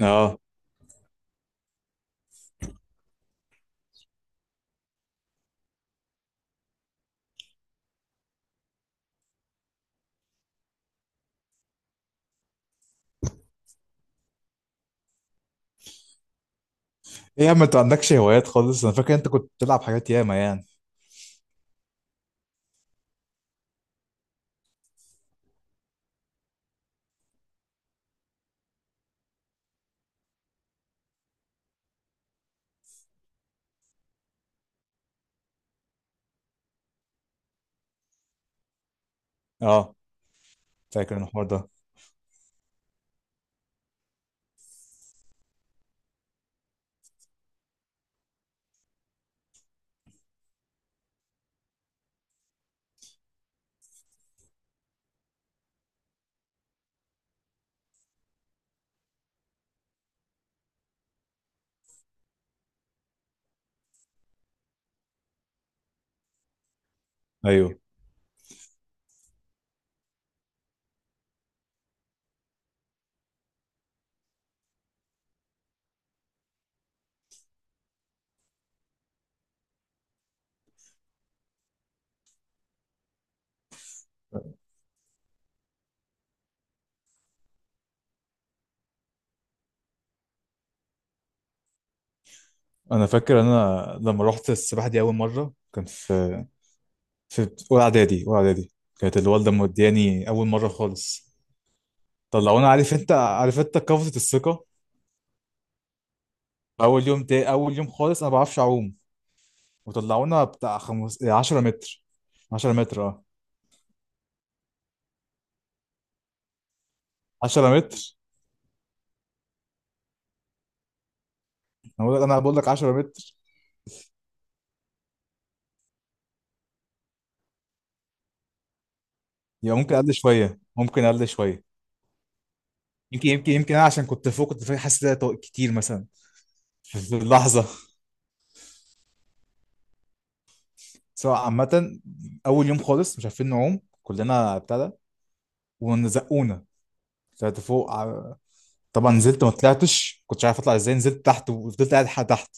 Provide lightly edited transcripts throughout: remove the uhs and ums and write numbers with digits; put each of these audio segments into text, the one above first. اه، ايه يا عم، انت ما عندكش هوايات خالص؟ انا فاكر انت كنت بتلعب حاجات ياما، يعني. اه، فاكر انا الحوار ده، ايوه. انا فاكر انا لما رحت السباحه دي اول مره، كان في اولى اعدادي، اولى اعدادي. كانت الوالده مودياني اول مره خالص. طلعونا، عارف انت قفزه الثقه. اول يوم، تاني اول يوم خالص، انا ما بعرفش اعوم. وطلعونا بتاع 10 متر. 10 متر، اه. 10 متر. انا بقول لك 10 متر. يبقى ممكن اقل شويه، ممكن اقل شويه. يمكن انا عشان كنت فوق، كنت فاكر حاسس إن ده كتير مثلا، في اللحظه، سواء عامه. اول يوم خالص مش عارفين نعوم، كلنا ابتدى وزقونا. طلعت فوق طبعا نزلت. ما طلعتش، كنتش عارف اطلع ازاي، نزلت تحت وفضلت قاعد لحد تحت.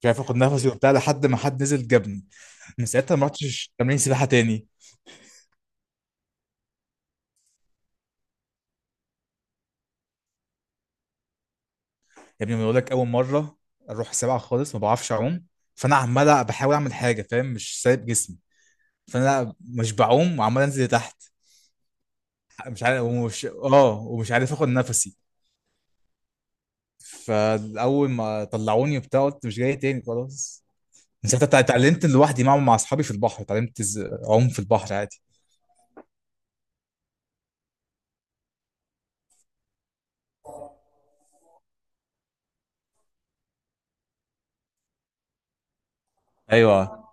مش عارف اخد نفسي وبتاع، لحد ما حد نزل جابني. من ساعتها ما رحتش تمرين سباحه تاني. يا ابني، بقول لك اول مره اروح سباحه خالص ما بعرفش اعوم. فانا عمال بحاول اعمل حاجه، فاهم، مش سايب جسمي. فانا مش بعوم وعمال انزل لتحت. مش عارف ومش اه ومش عارف اخد نفسي. فاول ما طلعوني وبتاع، قلت مش جاي تاني، خلاص. من ساعتها اتعلمت لوحدي، مع اصحابي في البحر، اتعلمت اعوم في البحر عادي. ايوه، ما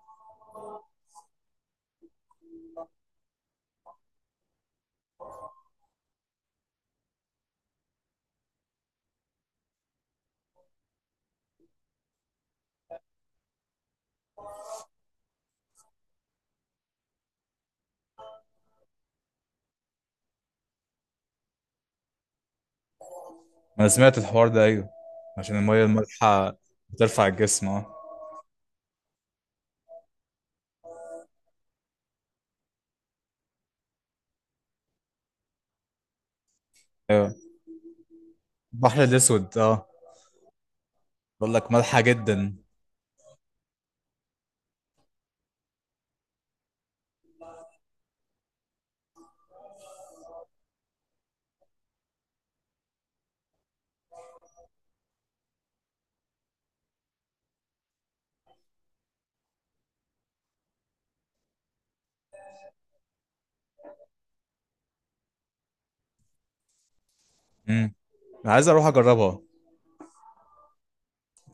انا سمعت الحوار ده، ايوه، عشان الميه المالحه بترفع الجسم، اه. ايوه، البحر الاسود، اه، بقول لك مالحه جدا. امم انا عايز اروح اجربها.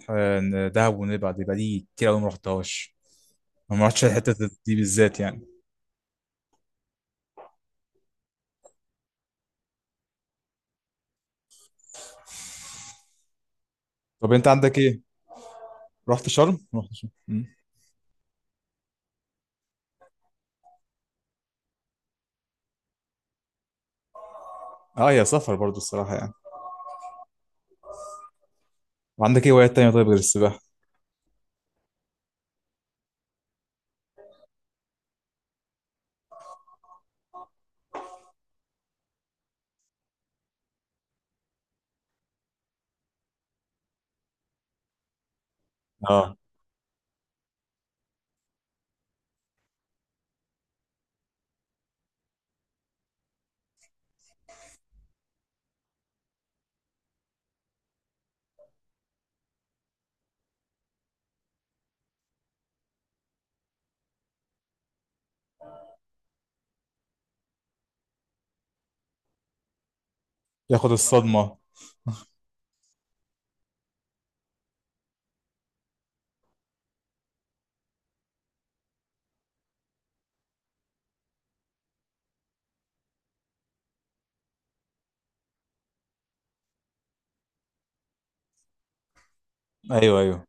دهب ونبع دي بقالي كتير قوي، ما رحتهاش. ما رحتش الحته دي بالذات، يعني. طب، انت عندك ايه؟ رحت شرم، رحت شرم. اه، يا سفر برضو الصراحة، يعني. وعندك ايه هوايات تانية طيب، غير السباحة؟ اه، ياخد الصدمة. ايوه ايوه،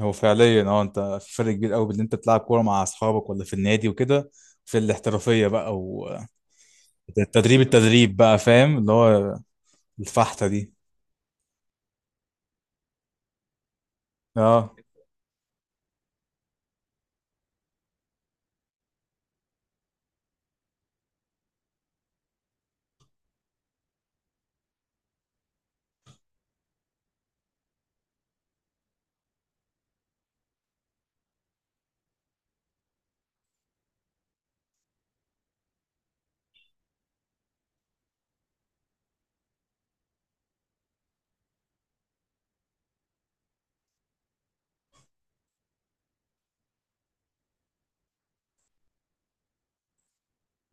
هو فعليا، انت في فرق كبير قوي بين ان انت بتلعب كورة مع اصحابك ولا في النادي وكده، في الاحترافية بقى. والتدريب، التدريب بقى فاهم، اللي هو الفحتة دي. اه،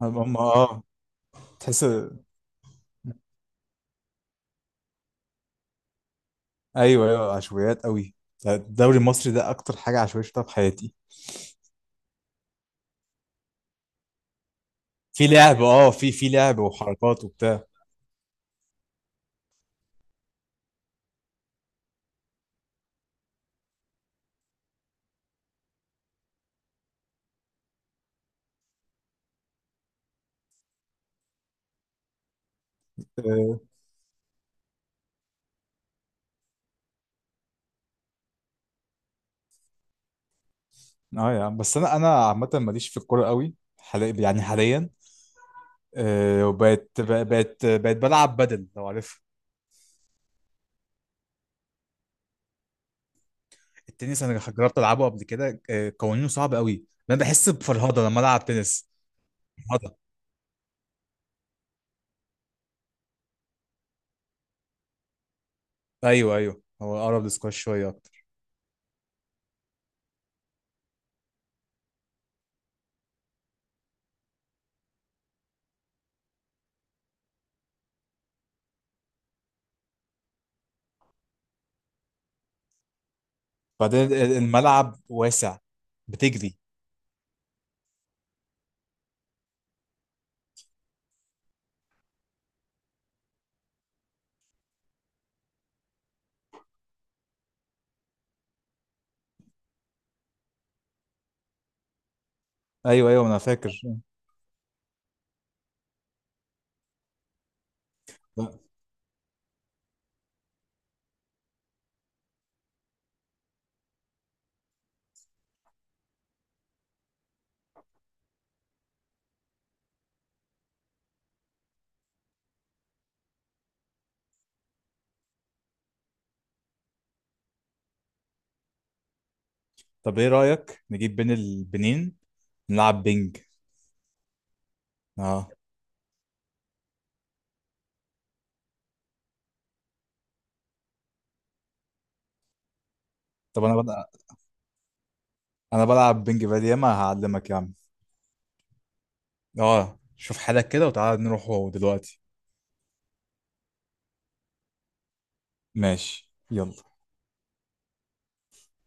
هم، اه، تحس، ايوه ايوه، عشوائيات قوي. الدوري المصري ده اكتر حاجة عشوائية شفتها في حياتي. في لعب، في لعب وحركات وبتاع، اه. آه، يا عم، بس انا عامة ماليش في الكورة قوي حاليا، يعني حاليا. وبقت بقت بقت بلعب بدل، لو عارف. التنس انا جربت العبه قبل كده، قوانينه صعب قوي. انا بحس بفرهده لما العب تنس، فرهده. ايوه ايوه، هو اقرب لسكواش شويه اكتر. بعدين الملعب واسع، بتجري. ايوه ايوه، انا فاكر. لا. طب، ايه رايك نجيب بين البنين، نلعب بينج؟ اه، طب، انا بلعب بينج بقالي ياما، هعلمك يا عم. اه، شوف حالك كده وتعالى نروح هو دلوقتي. ماشي يلا.